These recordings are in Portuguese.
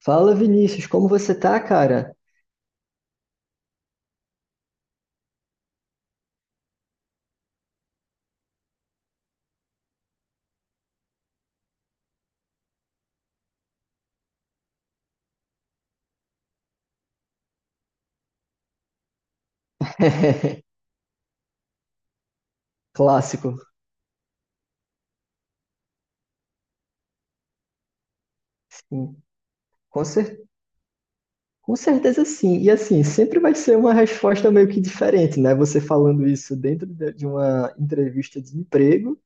Fala, Vinícius, como você tá, cara? Clássico. Sim, com cer- com certeza sim. E assim, sempre vai ser uma resposta meio que diferente, né? Você falando isso dentro de uma entrevista de emprego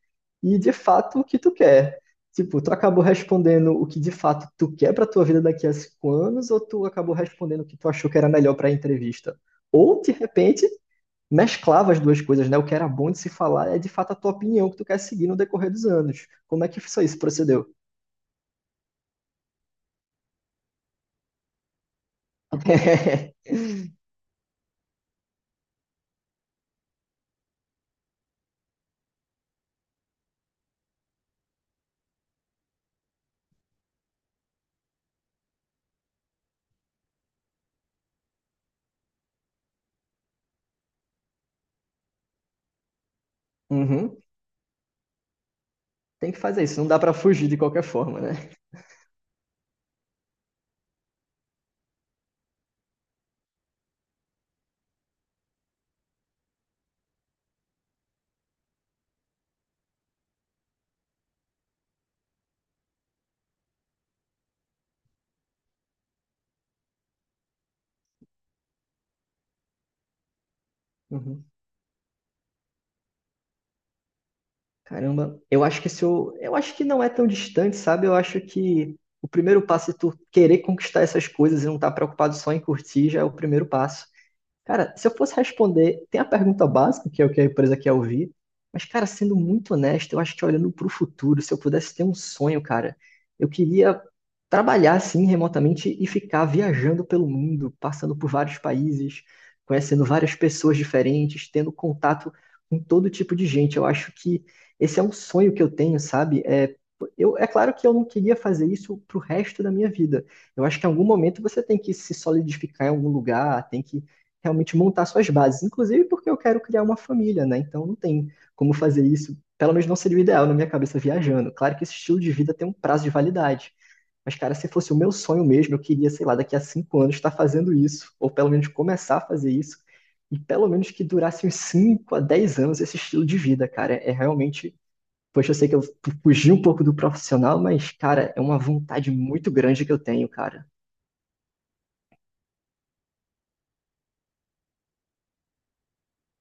e de fato o que tu quer. Tipo, tu acabou respondendo o que de fato tu quer pra tua vida daqui a cinco anos, ou tu acabou respondendo o que tu achou que era melhor pra entrevista? Ou, de repente, mesclava as duas coisas, né? O que era bom de se falar é de fato a tua opinião que tu quer seguir no decorrer dos anos. Como é que isso aí procedeu? Uhum. Tem que fazer isso, não dá pra fugir de qualquer forma, né? Uhum. Caramba, eu acho que não é tão distante, sabe? Eu acho que o primeiro passo é tu querer conquistar essas coisas e não estar preocupado só em curtir, já é o primeiro passo. Cara, se eu fosse responder, tem a pergunta básica, que é o que a empresa quer ouvir, mas, cara, sendo muito honesto, eu acho que olhando para o futuro, se eu pudesse ter um sonho, cara, eu queria trabalhar assim remotamente e ficar viajando pelo mundo, passando por vários países, conhecendo várias pessoas diferentes, tendo contato com todo tipo de gente. Eu acho que esse é um sonho que eu tenho, sabe? É, é claro que eu não queria fazer isso pro resto da minha vida. Eu acho que em algum momento você tem que se solidificar em algum lugar, tem que realmente montar suas bases, inclusive porque eu quero criar uma família, né? Então não tem como fazer isso, pelo menos não seria o ideal na minha cabeça viajando. Claro que esse estilo de vida tem um prazo de validade, mas cara, se fosse o meu sonho mesmo, eu queria, sei lá, daqui a cinco anos estar fazendo isso, ou pelo menos começar a fazer isso, e pelo menos que durasse uns 5 a 10 anos esse estilo de vida, cara. É realmente. Poxa, eu sei que eu fugi um pouco do profissional, mas, cara, é uma vontade muito grande que eu tenho, cara.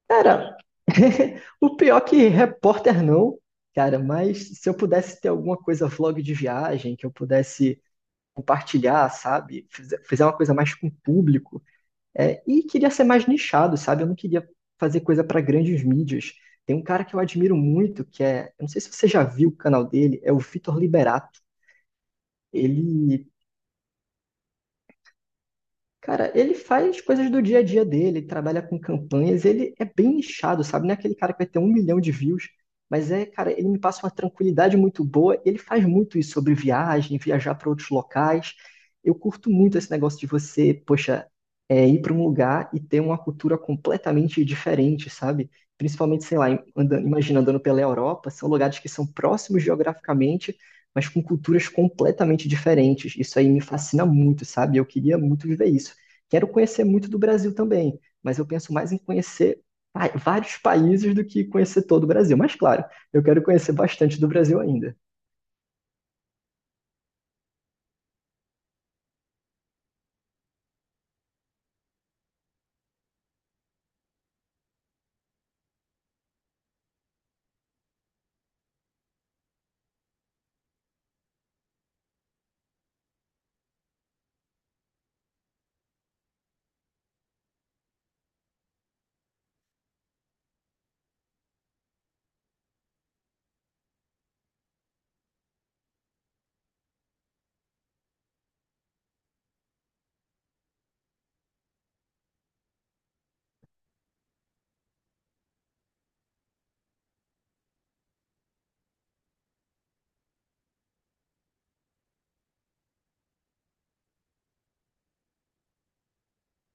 Cara, o pior que repórter não, cara, mas se eu pudesse ter alguma coisa vlog de viagem, que eu pudesse compartilhar, sabe? Fizer uma coisa mais com o público. É, e queria ser mais nichado, sabe? Eu não queria fazer coisa para grandes mídias. Tem um cara que eu admiro muito, que é, eu não sei se você já viu o canal dele, é o Vitor Liberato. Ele Cara, ele faz coisas do dia a dia dele, ele trabalha com campanhas, ele é bem nichado, sabe? Não é aquele cara que vai ter um milhão de views, mas é, cara, ele me passa uma tranquilidade muito boa. Ele faz muito isso sobre viagem, viajar para outros locais. Eu curto muito esse negócio de você, poxa, ir para um lugar e ter uma cultura completamente diferente, sabe? Principalmente, sei lá, andando, imagina andando pela Europa, são lugares que são próximos geograficamente, mas com culturas completamente diferentes. Isso aí me fascina muito, sabe? Eu queria muito viver isso. Quero conhecer muito do Brasil também, mas eu penso mais em conhecer vários países do que conhecer todo o Brasil. Mas claro, eu quero conhecer bastante do Brasil ainda.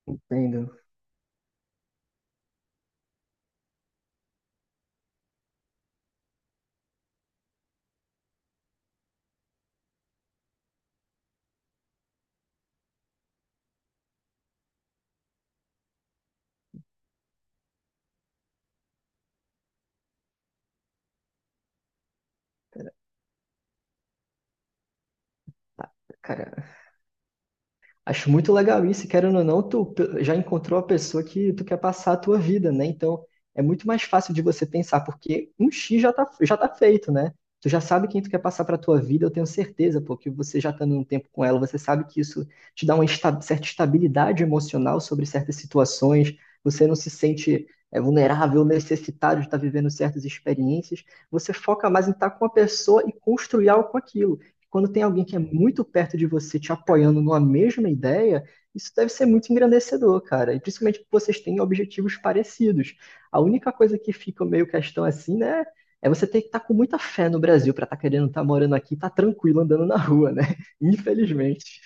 Entendo. Cara, acho muito legal isso, e querendo ou não, já encontrou a pessoa que tu quer passar a tua vida, né? Então é muito mais fácil de você pensar, porque um X já tá feito, né? Tu já sabe quem tu quer passar pra tua vida, eu tenho certeza, porque você já estando um tempo com ela, você sabe que isso te dá uma certa estabilidade emocional sobre certas situações, você não se sente vulnerável, necessitado de estar vivendo certas experiências, você foca mais em estar com a pessoa e construir algo com aquilo. Quando tem alguém que é muito perto de você te apoiando numa mesma ideia, isso deve ser muito engrandecedor, cara. E principalmente que vocês têm objetivos parecidos. A única coisa que fica meio questão assim, né? É você ter que estar com muita fé no Brasil para estar querendo estar morando aqui, e estar tranquilo andando na rua, né? Infelizmente.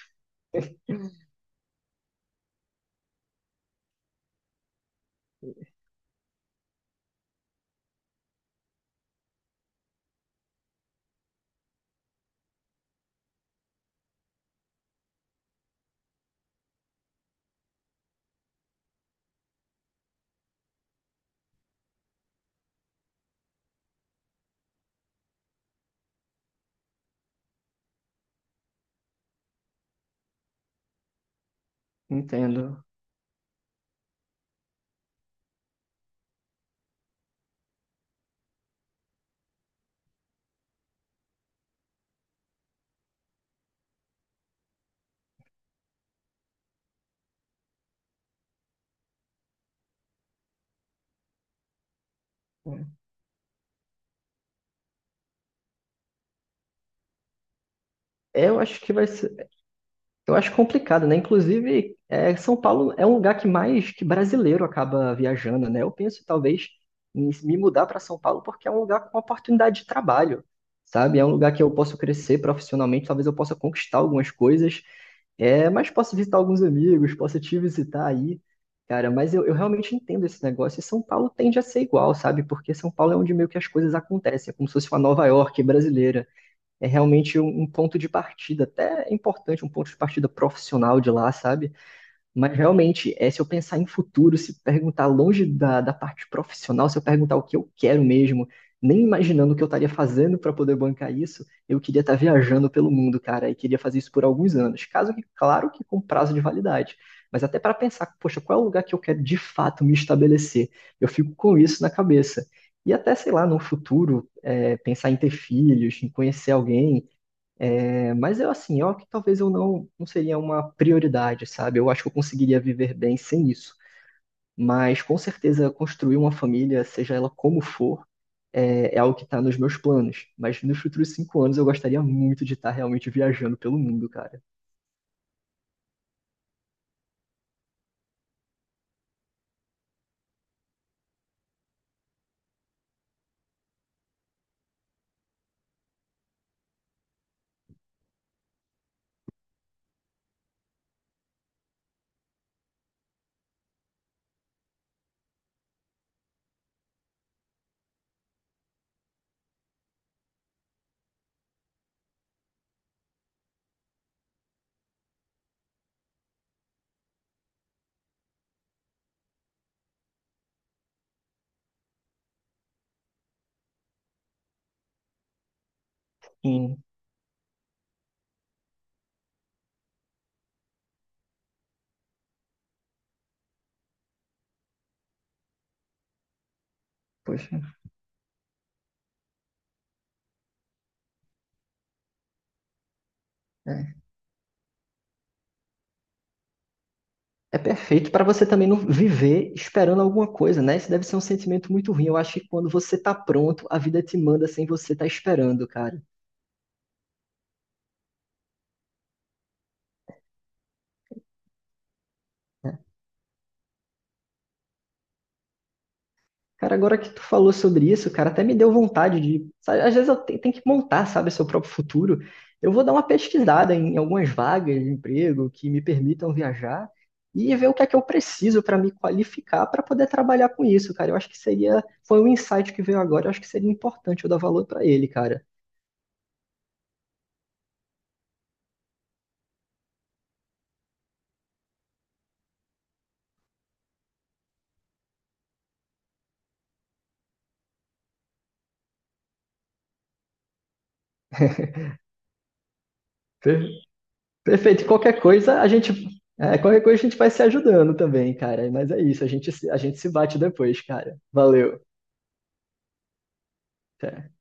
Entendo. É, eu acho que vai ser. Eu acho complicado, né? Inclusive, São Paulo é um lugar que mais que brasileiro acaba viajando, né? Eu penso talvez em me mudar para São Paulo porque é um lugar com oportunidade de trabalho, sabe? É um lugar que eu posso crescer profissionalmente, talvez eu possa conquistar algumas coisas, mas posso visitar alguns amigos, posso te visitar aí, cara. Mas eu realmente entendo esse negócio e São Paulo tende a ser igual, sabe? Porque São Paulo é onde meio que as coisas acontecem, é como se fosse uma Nova York brasileira, é realmente um, um ponto de partida, até é importante, um ponto de partida profissional de lá, sabe? Mas realmente, se eu pensar em futuro, se perguntar longe da parte profissional, se eu perguntar o que eu quero mesmo, nem imaginando o que eu estaria fazendo para poder bancar isso, eu queria estar viajando pelo mundo, cara, e queria fazer isso por alguns anos. Caso que, claro que com prazo de validade, mas até para pensar, poxa, qual é o lugar que eu quero de fato me estabelecer? Eu fico com isso na cabeça. E até, sei lá, no futuro, pensar em ter filhos, em conhecer alguém, mas eu assim, eu que talvez eu não seria uma prioridade, sabe? Eu acho que eu conseguiria viver bem sem isso. Mas com certeza construir uma família, seja ela como for, é algo que está nos meus planos. Mas nos futuros cinco anos eu gostaria muito de estar realmente viajando pelo mundo, cara. Sim, poxa. É, é perfeito para você também não viver esperando alguma coisa, né? Isso deve ser um sentimento muito ruim. Eu acho que quando você tá pronto, a vida te manda sem você estar esperando, cara. Cara, agora que tu falou sobre isso, cara, até me deu vontade de. Sabe, às vezes eu tenho que montar, sabe, seu próprio futuro. Eu vou dar uma pesquisada em algumas vagas de emprego que me permitam viajar e ver o que é que eu preciso para me qualificar para poder trabalhar com isso, cara. Eu acho que seria. Foi um insight que veio agora, eu acho que seria importante eu dar valor para ele, cara. Per- Perfeito. E qualquer coisa, a gente. Qualquer coisa a gente, vai se ajudando também, cara. Mas é isso, a gente se bate depois, cara. Valeu. Até.